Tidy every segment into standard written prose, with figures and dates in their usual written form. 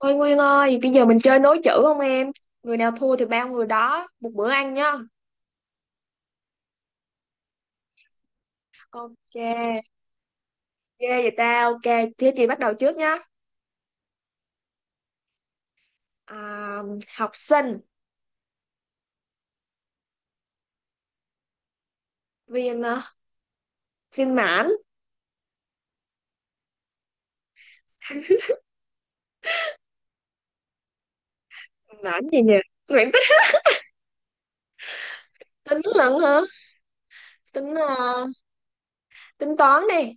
Thôi Nguyên ơi, bây giờ mình chơi nối chữ không em? Người nào thua thì bao người đó, một bữa ăn nhá. Ok, ghê vậy ta, ok. Thế chị bắt đầu trước nhá. À, học sinh, viên viên mãn, mãn gì nhỉ? Mãn tính, tính lận hả? Tính tính toán đi.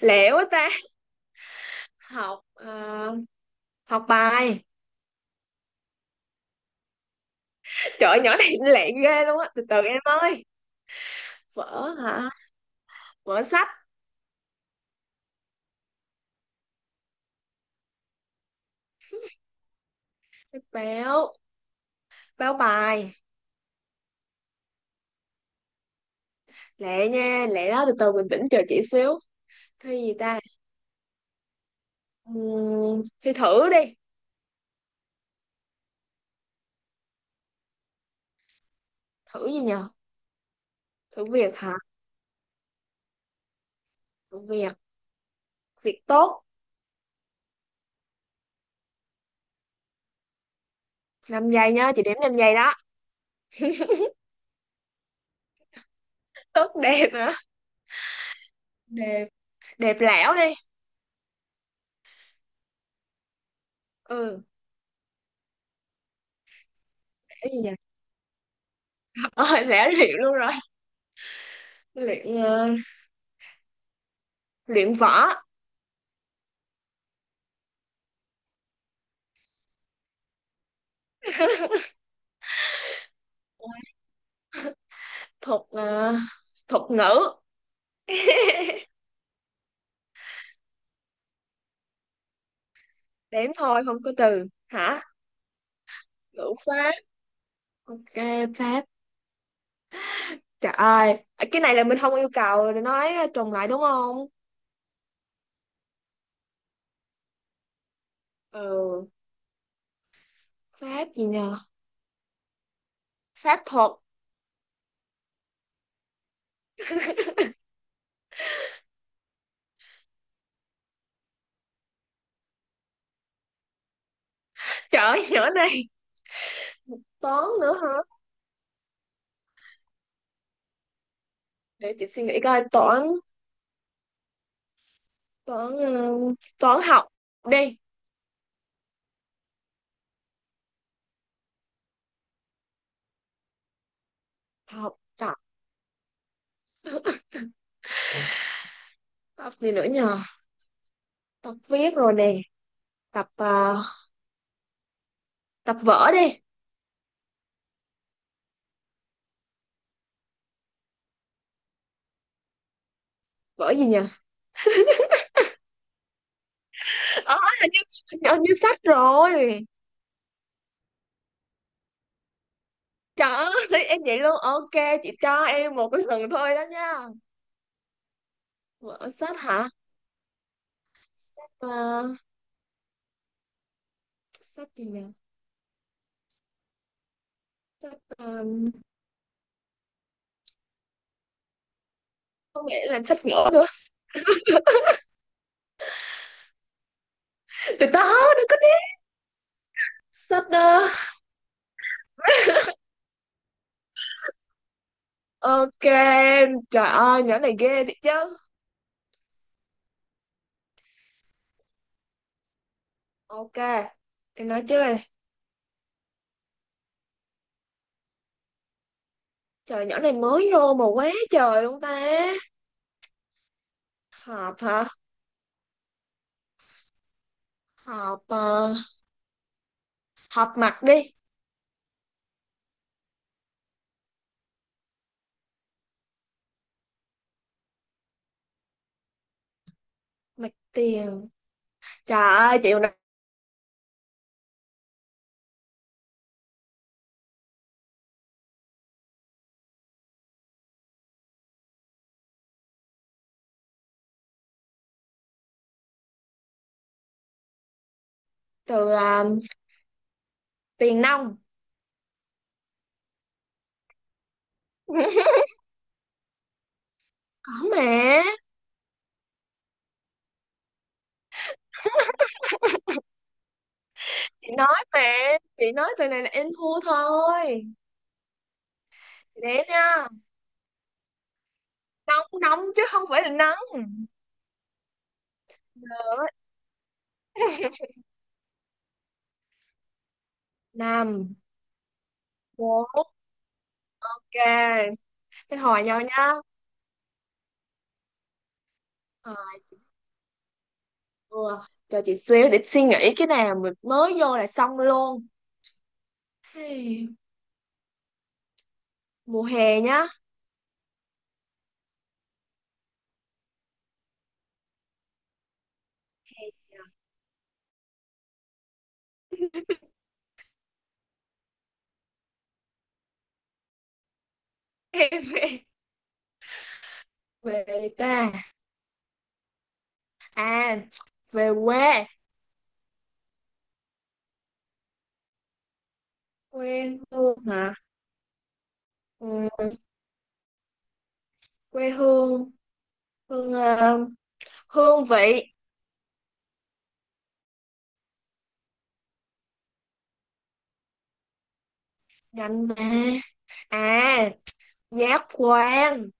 Lẹ quá ta. Học học bài. Trời ơi, nhỏ này lẹ ghê luôn á, từ từ em ơi. Vở hả? Vở sách, sách báo, báo bài. Lẹ nha, lẹ đó, từ từ bình tĩnh chờ chị xíu. Thi gì ta? Thi thử đi. Thử gì nhờ? Thử việc hả? Thử việc, việc tốt. 5 giây nhá, chị đếm 5 giây đó. Tốt đẹp hả? Đẹp, đẹp lẻo đi. Ừ, cái gì nhờ? Ờ, lẻo luyện luôn rồi. Luyện luyện võ. Thuật thuật ngữ. Đếm thôi, không có từ hả? Ngữ pháp, ok. Pháp, trời ơi. Cái này là mình không yêu cầu để nói trùng lại đúng không? Ừ, pháp gì nhờ? Pháp thuật, trời ơi, nhỏ này. Toán nữa hả? Để chị suy nghĩ coi. Toán, toán, ừ, toán học đi. Học tập, tập gì nữa nhờ? Tập viết rồi nè. Tập tập vở đi. Vở gì nhờ? Ờ, hình như, hình như sách rồi. Trời ơi, em vậy luôn. Ok, chị cho em một cái lần thôi đó nha. Vở sách hả? Sách sách gì nhờ? Sách ờ, không nghĩ là sách nữa nữa từ từ đừng có biết sách ok. Trời ơi, nhỏ này ghê thiệt chứ. Ok, thì nói chơi. Trời, nhỏ này mới vô mà quá trời luôn ta. Họp hả? Họp họp mặt đi. Mặt tiền. Trời ơi, chịu nè. Từ tiền nông. Có mà. Chị nói mà. Chị nói từ này là em thua thôi. Để nha. Nong nong chứ không phải là nắng. Năm, bốn, ok. Thế hỏi nhau nha. Ờ, ừ. Cho chị xíu để suy nghĩ. Cái nào mình mới vô là xong luôn. Hey, mùa hè nhá. Em về, về ta, à, về quê. Quê hương hả? Ừ, quê hương. Hương hương vị. Nhanh mà. À, giác quan.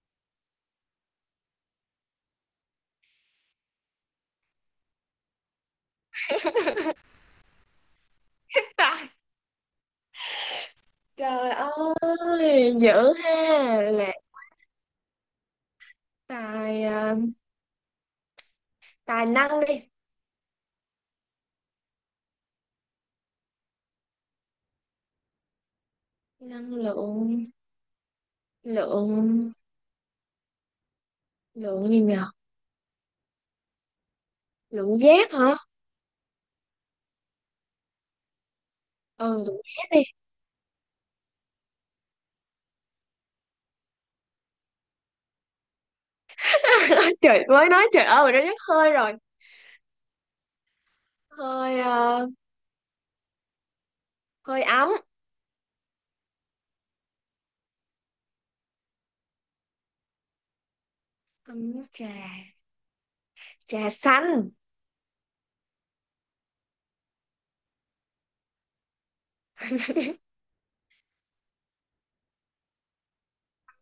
Trời ơi dữ ha. Là tài tài năng đi. Năng lượng, lượng, lượng gì nhờ? Lượng giác hả? Ừ, lượng giác đi. Trời, mới nói trời ơi rồi nó dứt hơi rồi. Hơi hơi ấm. Ấm nước trà, trà xanh.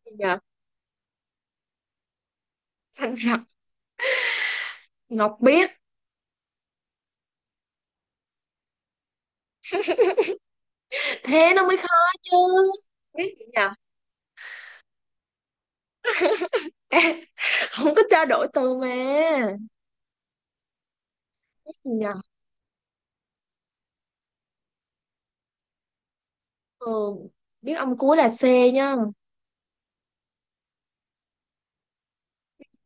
Gì nhờ? Xanh rập, ngọc biếc. Thế nó mới khó chứ. Biết gì nhờ? Ê, không có trao đổi từ mà. Biết gì nhờ? Ừ, biết ông cuối là C nhá.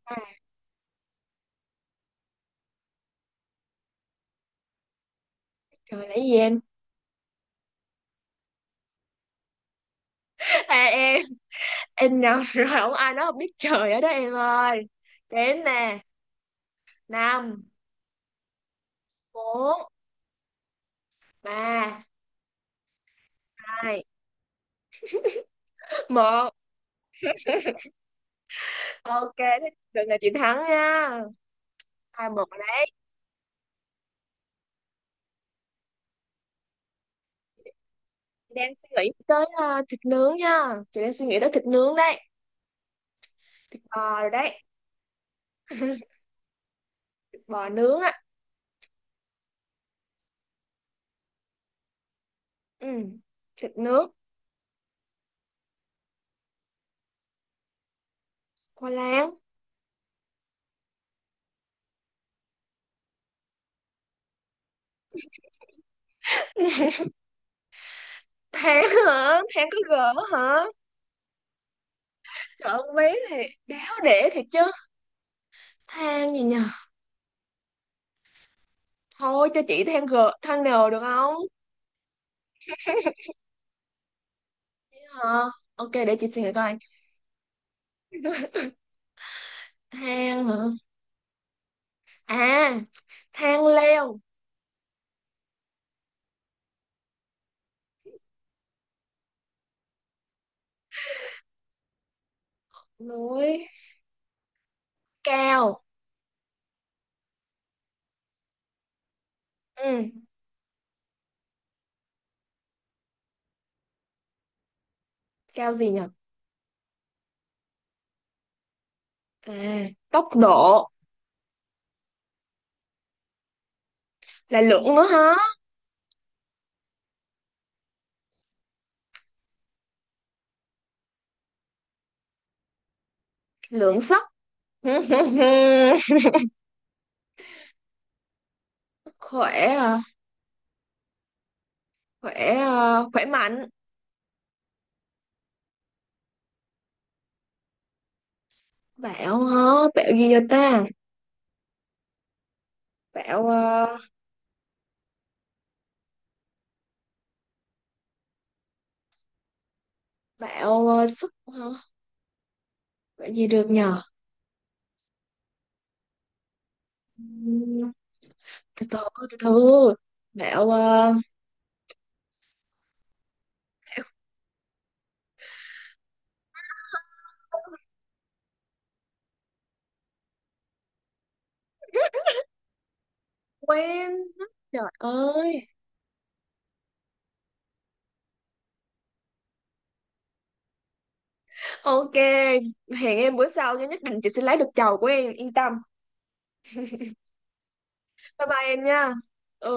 À, trời lấy gì em? À, em nhầm rồi, không ai nói không biết trời ở đó em ơi. Đến nè. Năm, bốn, ba, hai, một, ok. Thế đừng, là chị thắng nha. Hai, một. Đang suy nghĩ tới thịt nướng nha. Chị đang suy nghĩ tới thịt nướng đấy. Thịt bò rồi đấy. Thịt bò nướng á. Ừ. Thịt nướng, khoai lang. Than hả? Than có gỡ hả? Trời ơi, con bé này đáo để thiệt chứ. Than gì nhờ? Thôi cho chị than gỡ, than nều được không? Hả? Ok, để chị suy nghĩ coi. Than hả? À, than leo. Núi cao. Ừ, cao gì nhờ? À, tốc độ. Là lượng nữa hả? Lượng sắt. Khỏe. À, khỏe, à, khỏe mạnh. Bạo hả? Bạo gì vậy ta? Bạo à, bạo à, sức hả? Bạo gì được nhờ? Ừm, từ từ từ từ bạo à, quên. Trời ơi, ok. Hẹn em bữa sau nha, nhất định chị sẽ lấy được chầu của em, yên tâm. Bye bye em nha. Ừ.